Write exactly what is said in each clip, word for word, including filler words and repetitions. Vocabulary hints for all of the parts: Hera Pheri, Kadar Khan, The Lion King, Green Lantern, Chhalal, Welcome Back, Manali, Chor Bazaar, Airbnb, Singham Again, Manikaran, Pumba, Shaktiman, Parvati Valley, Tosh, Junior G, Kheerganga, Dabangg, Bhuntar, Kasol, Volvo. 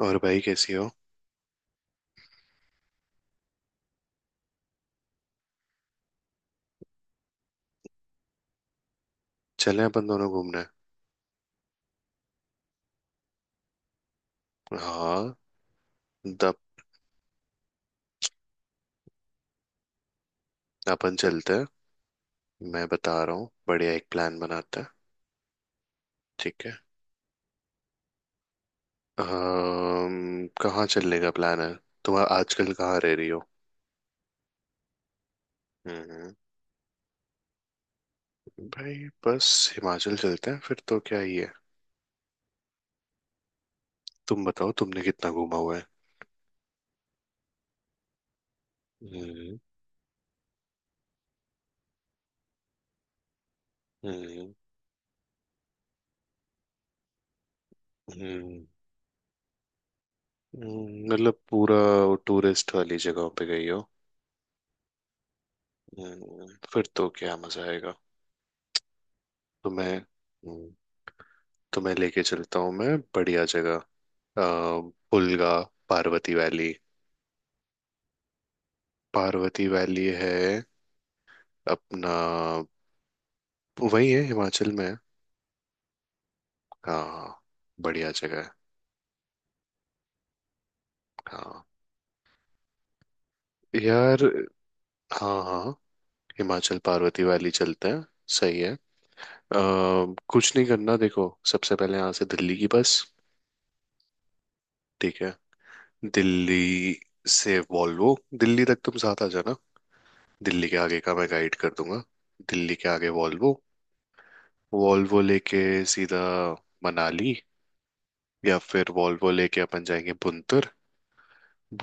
और भाई कैसी हो। चलें अपन दोनों घूमने। हाँ। तब अपन चलते हैं। मैं बता रहा हूँ बढ़िया एक प्लान बनाते हैं। ठीक है। अम्म, कहाँ चलने का प्लान है? तुम आजकल कहाँ रह रही हो? हम्म। भाई। बस। हिमाचल चलते हैं फिर तो क्या ही है। तुम बताओ तुमने कितना घूमा हुआ है। हम्म। हम्म। हम्म। हम्म, मतलब पूरा टूरिस्ट वाली जगहों पे गई हो। हम्म। फिर तो क्या मजा आएगा। तुम्हें। तुम्हें लेके चलता हूँ मैं बढ़िया जगह। अ, पुलगा। पार्वती वैली। पार्वती वैली है। अपना वही है हिमाचल में है। हाँ। बढ़िया जगह है। हाँ। यार। हाँ हाँ। हिमाचल पार्वती वैली चलते हैं। सही है। अ, कुछ नहीं करना देखो सबसे पहले यहाँ से दिल्ली की बस। ठीक है। दिल्ली से वॉल्वो। दिल्ली तक तुम साथ आ जाना। दिल्ली के आगे का मैं गाइड कर दूंगा। दिल्ली के आगे वॉल्वो। वॉल्वो लेके सीधा मनाली। या फिर वॉल्वो लेके अपन जाएंगे बुनतर।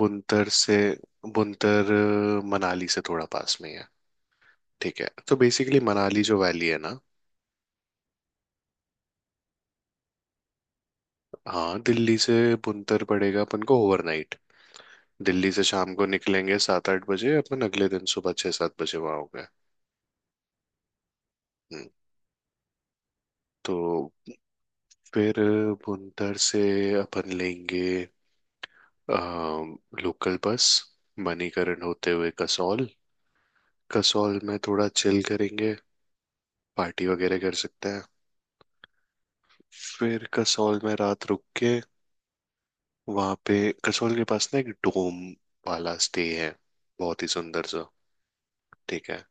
बुनतर से। बुनतर अ, मनाली से थोड़ा पास में ही है। ठीक है तो बेसिकली मनाली जो वैली है ना। हाँ दिल्ली से बुनतर पड़ेगा अपन को ओवरनाइट। दिल्ली से शाम को निकलेंगे सात आठ बजे। अपन अगले दिन सुबह छः सात बजे वहाँ हो गए। हम्म। तो फिर बुनतर से अपन लेंगे लोकल बस। मणिकरण होते हुए कसौल। कसौल में थोड़ा चिल करेंगे। पार्टी वगैरह कर सकते हैं। फिर कसौल में रात रुक के वहां पे। कसौल के पास ना एक डोम वाला स्टे है। बहुत ही सुंदर सा। ठीक है।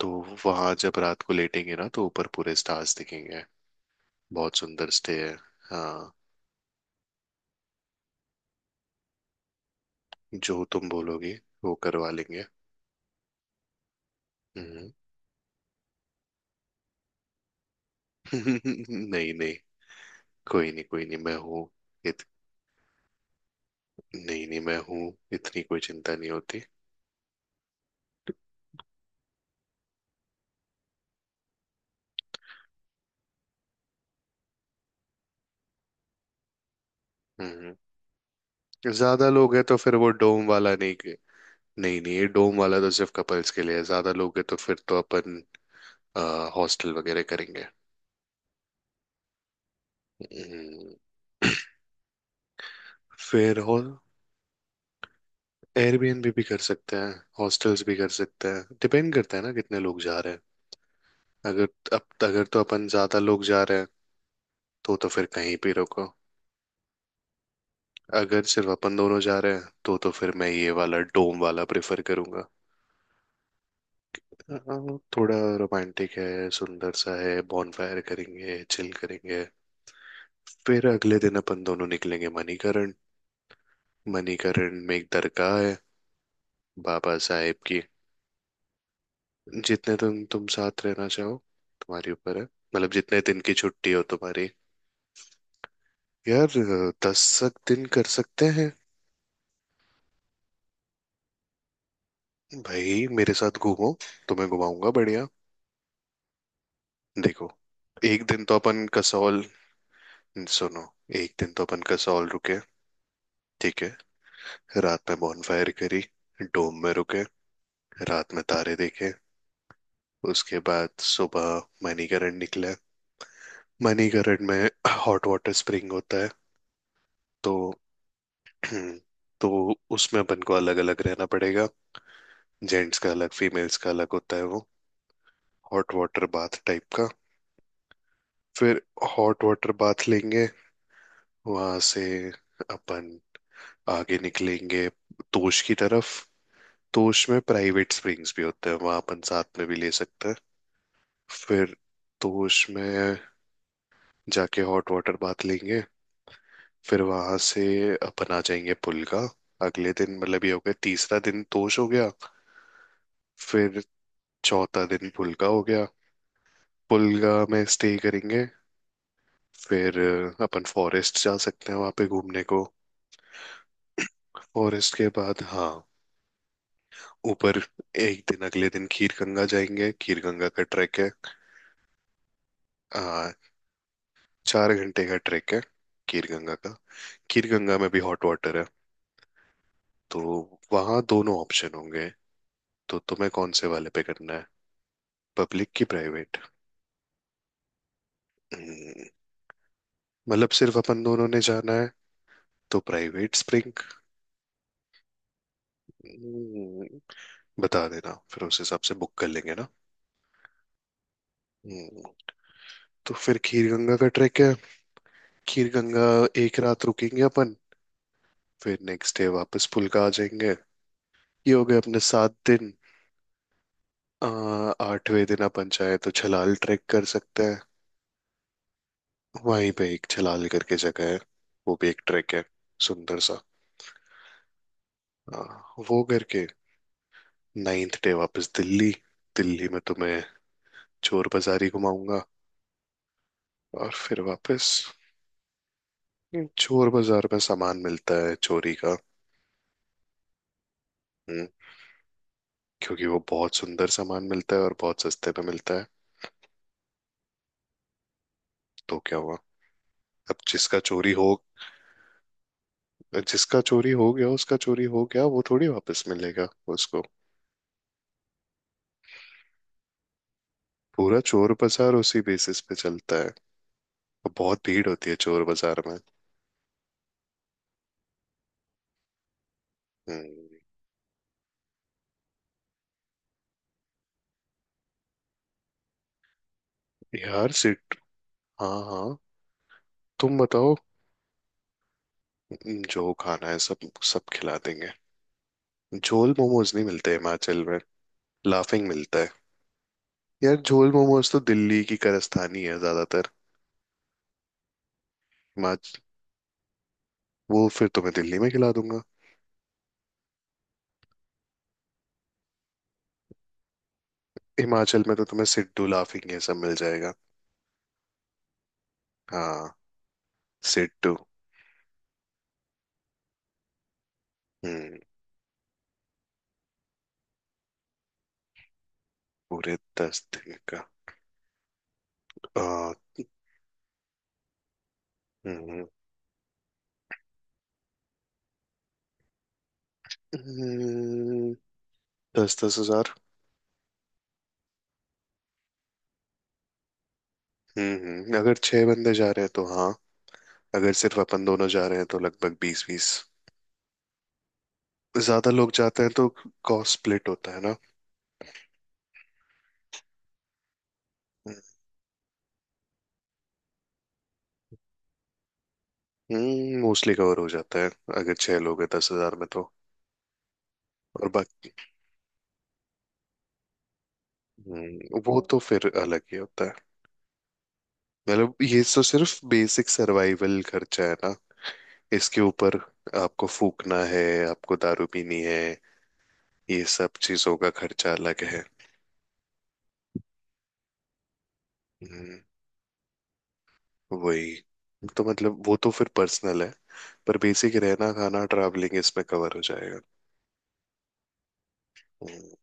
तो वहां जब रात को लेटेंगे ना तो ऊपर पूरे स्टार्स दिखेंगे। बहुत सुंदर स्टे है। हाँ। जो तुम बोलोगे वो करवा लेंगे। हम्म। नहीं नहीं। कोई नहीं कोई नहीं मैं हूँ। इत... नहीं नहीं मैं हूँ इतनी कोई चिंता नहीं होती। हम्म। ज्यादा लोग हैं तो फिर वो डोम वाला नहीं। नहीं नहीं ये डोम वाला तो सिर्फ कपल्स के लिए है। ज्यादा लोग हैं तो फिर तो अपन हॉस्टल वगैरह करेंगे। हम्म। फिर एयरबीएनबी भी कर सकते हैं। हॉस्टल्स भी कर सकते हैं। डिपेंड करता है ना कितने लोग जा रहे हैं। अगर। अब अगर तो अपन ज्यादा लोग जा रहे हैं तो तो फिर कहीं भी रुको। अगर सिर्फ अपन दोनों जा रहे हैं तो तो फिर मैं ये वाला डोम वाला प्रेफर करूंगा। अ, थोड़ा रोमांटिक है सुंदर सा है। बॉनफायर करेंगे चिल करेंगे। फिर अगले दिन अपन दोनों निकलेंगे मणिकरण। मणिकरण में एक दरगाह है। बाबा साहेब की। जितने दिन तुम साथ रहना चाहो। तुम्हारे ऊपर है मतलब जितने दिन की छुट्टी हो तुम्हारी। यार दस तक दिन कर सकते हैं। भाई मेरे साथ घूमो। तुम्हें घुमाऊंगा बढ़िया। देखो एक दिन तो अपन कसौल। सुनो एक दिन तो अपन कसौल रुके। ठीक है। रात में बॉनफायर करी। डोम में रुके। रात में तारे देखे। उसके बाद सुबह मणिकरण निकले। मणिकरण में हॉट वाटर स्प्रिंग होता है। तो तो उसमें अपन को अलग अलग रहना पड़ेगा। जेंट्स का अलग फीमेल्स का अलग होता है वो। हॉट वाटर बाथ टाइप का। फिर हॉट वाटर बाथ लेंगे। वहां से अपन आगे निकलेंगे तोश की तरफ। तोश में प्राइवेट स्प्रिंग्स भी होते हैं। वहां अपन साथ में भी ले सकते हैं। फिर तोश में जाके हॉट वाटर बाथ लेंगे। फिर वहां से अपन आ जाएंगे पुलगा। अगले दिन मतलब ये हो गया तीसरा दिन तोश हो गया। फिर चौथा दिन पुलगा हो गया। पुलगा में स्टे करेंगे। फिर अ, अपन फॉरेस्ट जा सकते हैं वहां पे घूमने को। फॉरेस्ट के बाद हाँ ऊपर एक दिन अगले दिन खीरगंगा जाएंगे। खीरगंगा का ट्रैक है। आ, चार घंटे का ट्रैक है खीरगंगा का। खीरगंगा में भी हॉट वाटर है। तो वहाँ दोनों ऑप्शन होंगे। तो तुम्हें कौन से वाले पे करना है? पब्लिक की प्राइवेट। मतलब सिर्फ अपन दोनों ने जाना है तो प्राइवेट स्प्रिंग। बता देना फिर उस हिसाब से बुक कर लेंगे ना। हम्म। तो फिर खीर गंगा का ट्रैक है। खीर गंगा एक रात रुकेंगे अपन। फिर नेक्स्ट डे वापस पुलका आ जाएंगे। ये हो गए अपने सात दिन। अ, आठवें दिन अपन चाहे तो छलाल ट्रैक कर सकते हैं। वहीं पे एक छलाल करके जगह है। वो भी एक ट्रैक है। सुंदर सा। अ, वो करके नाइन्थ डे वापस दिल्ली। दिल्ली में तुम्हें चोर बाजारी घुमाऊंगा। और फिर वापस। चोर बाजार में सामान मिलता है चोरी का। हम्म, क्योंकि वो बहुत सुंदर सामान मिलता है और बहुत सस्ते पे मिलता है। तो क्या हुआ? अब जिसका चोरी हो। जिसका चोरी हो गया उसका चोरी हो गया वो थोड़ी वापस मिलेगा उसको। पूरा चोर बाजार उसी बेसिस पे चलता है। और बहुत भीड़ होती है चोर बाजार में। हम्म। यार सिट हाँ हाँ। तुम बताओ। जो खाना है सब सब खिला देंगे। झोल मोमोज नहीं मिलते हिमाचल में। लाफिंग मिलता है। यार झोल मोमोज तो दिल्ली की कारस्तानी है ज्यादातर। हिमाचल। वो फिर तुम्हें दिल्ली में खिला दूंगा। हिमाचल में तो तुम्हें सिड्डू लाफिंग ये सब मिल जाएगा। हाँ। सिड्डू। हम्म। पूरे दस दिन का। आ, हम्म। हम्म, दस दस हजार। हम्म। हम्म, अगर छह बंदे जा रहे हैं तो हाँ। अगर सिर्फ अपन दोनों जा रहे हैं तो लगभग बीस बीस। ज्यादा लोग जाते हैं तो कॉस्ट स्प्लिट होता है ना। हम्म मोस्टली कवर हो जाता है। अगर छह लोग हैं दस हजार में तो। और बाकी। हम्म वो तो फिर अलग ही होता है। मतलब ये तो सिर्फ बेसिक सर्वाइवल खर्चा है ना। इसके ऊपर आपको फूकना है आपको दारू पीनी है। ये सब चीजों का खर्चा अलग है। हम्म, वही तो मतलब वो तो फिर पर्सनल है। पर बेसिक रहना खाना ट्रैवलिंग इसमें कवर हो जाएगा। हम्म।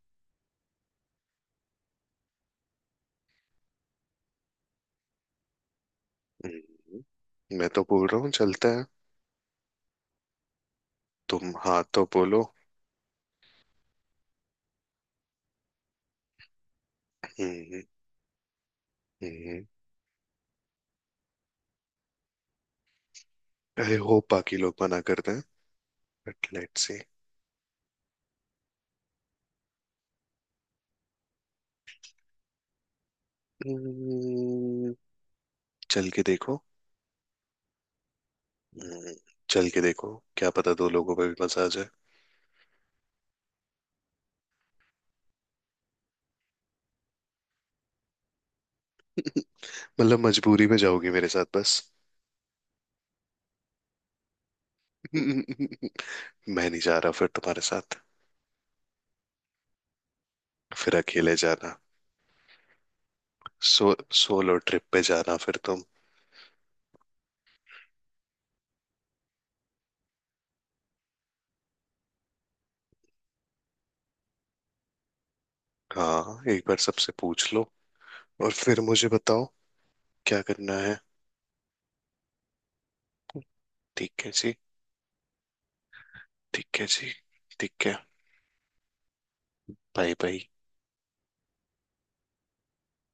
हम्म। मैं तो बोल रहा हूँ चलते हैं। तुम हाँ तो बोलो। हम्म। हम्म। आई होप बाकी लोग मना करते हैं बट लेट्स सी। हम्म। चल के देखो। हम्म। चल के देखो क्या पता दो लोगों में भी मजा आ जाए। मतलब मजबूरी में जाओगी मेरे साथ बस। मैं नहीं जा रहा फिर तुम्हारे साथ। फिर अकेले जाना। सो सोलो ट्रिप पे जाना फिर तुम। हाँ एक बार सबसे पूछ लो और फिर मुझे बताओ क्या करना है। ठीक है जी। ठीक है जी। ठीक है। Bye bye.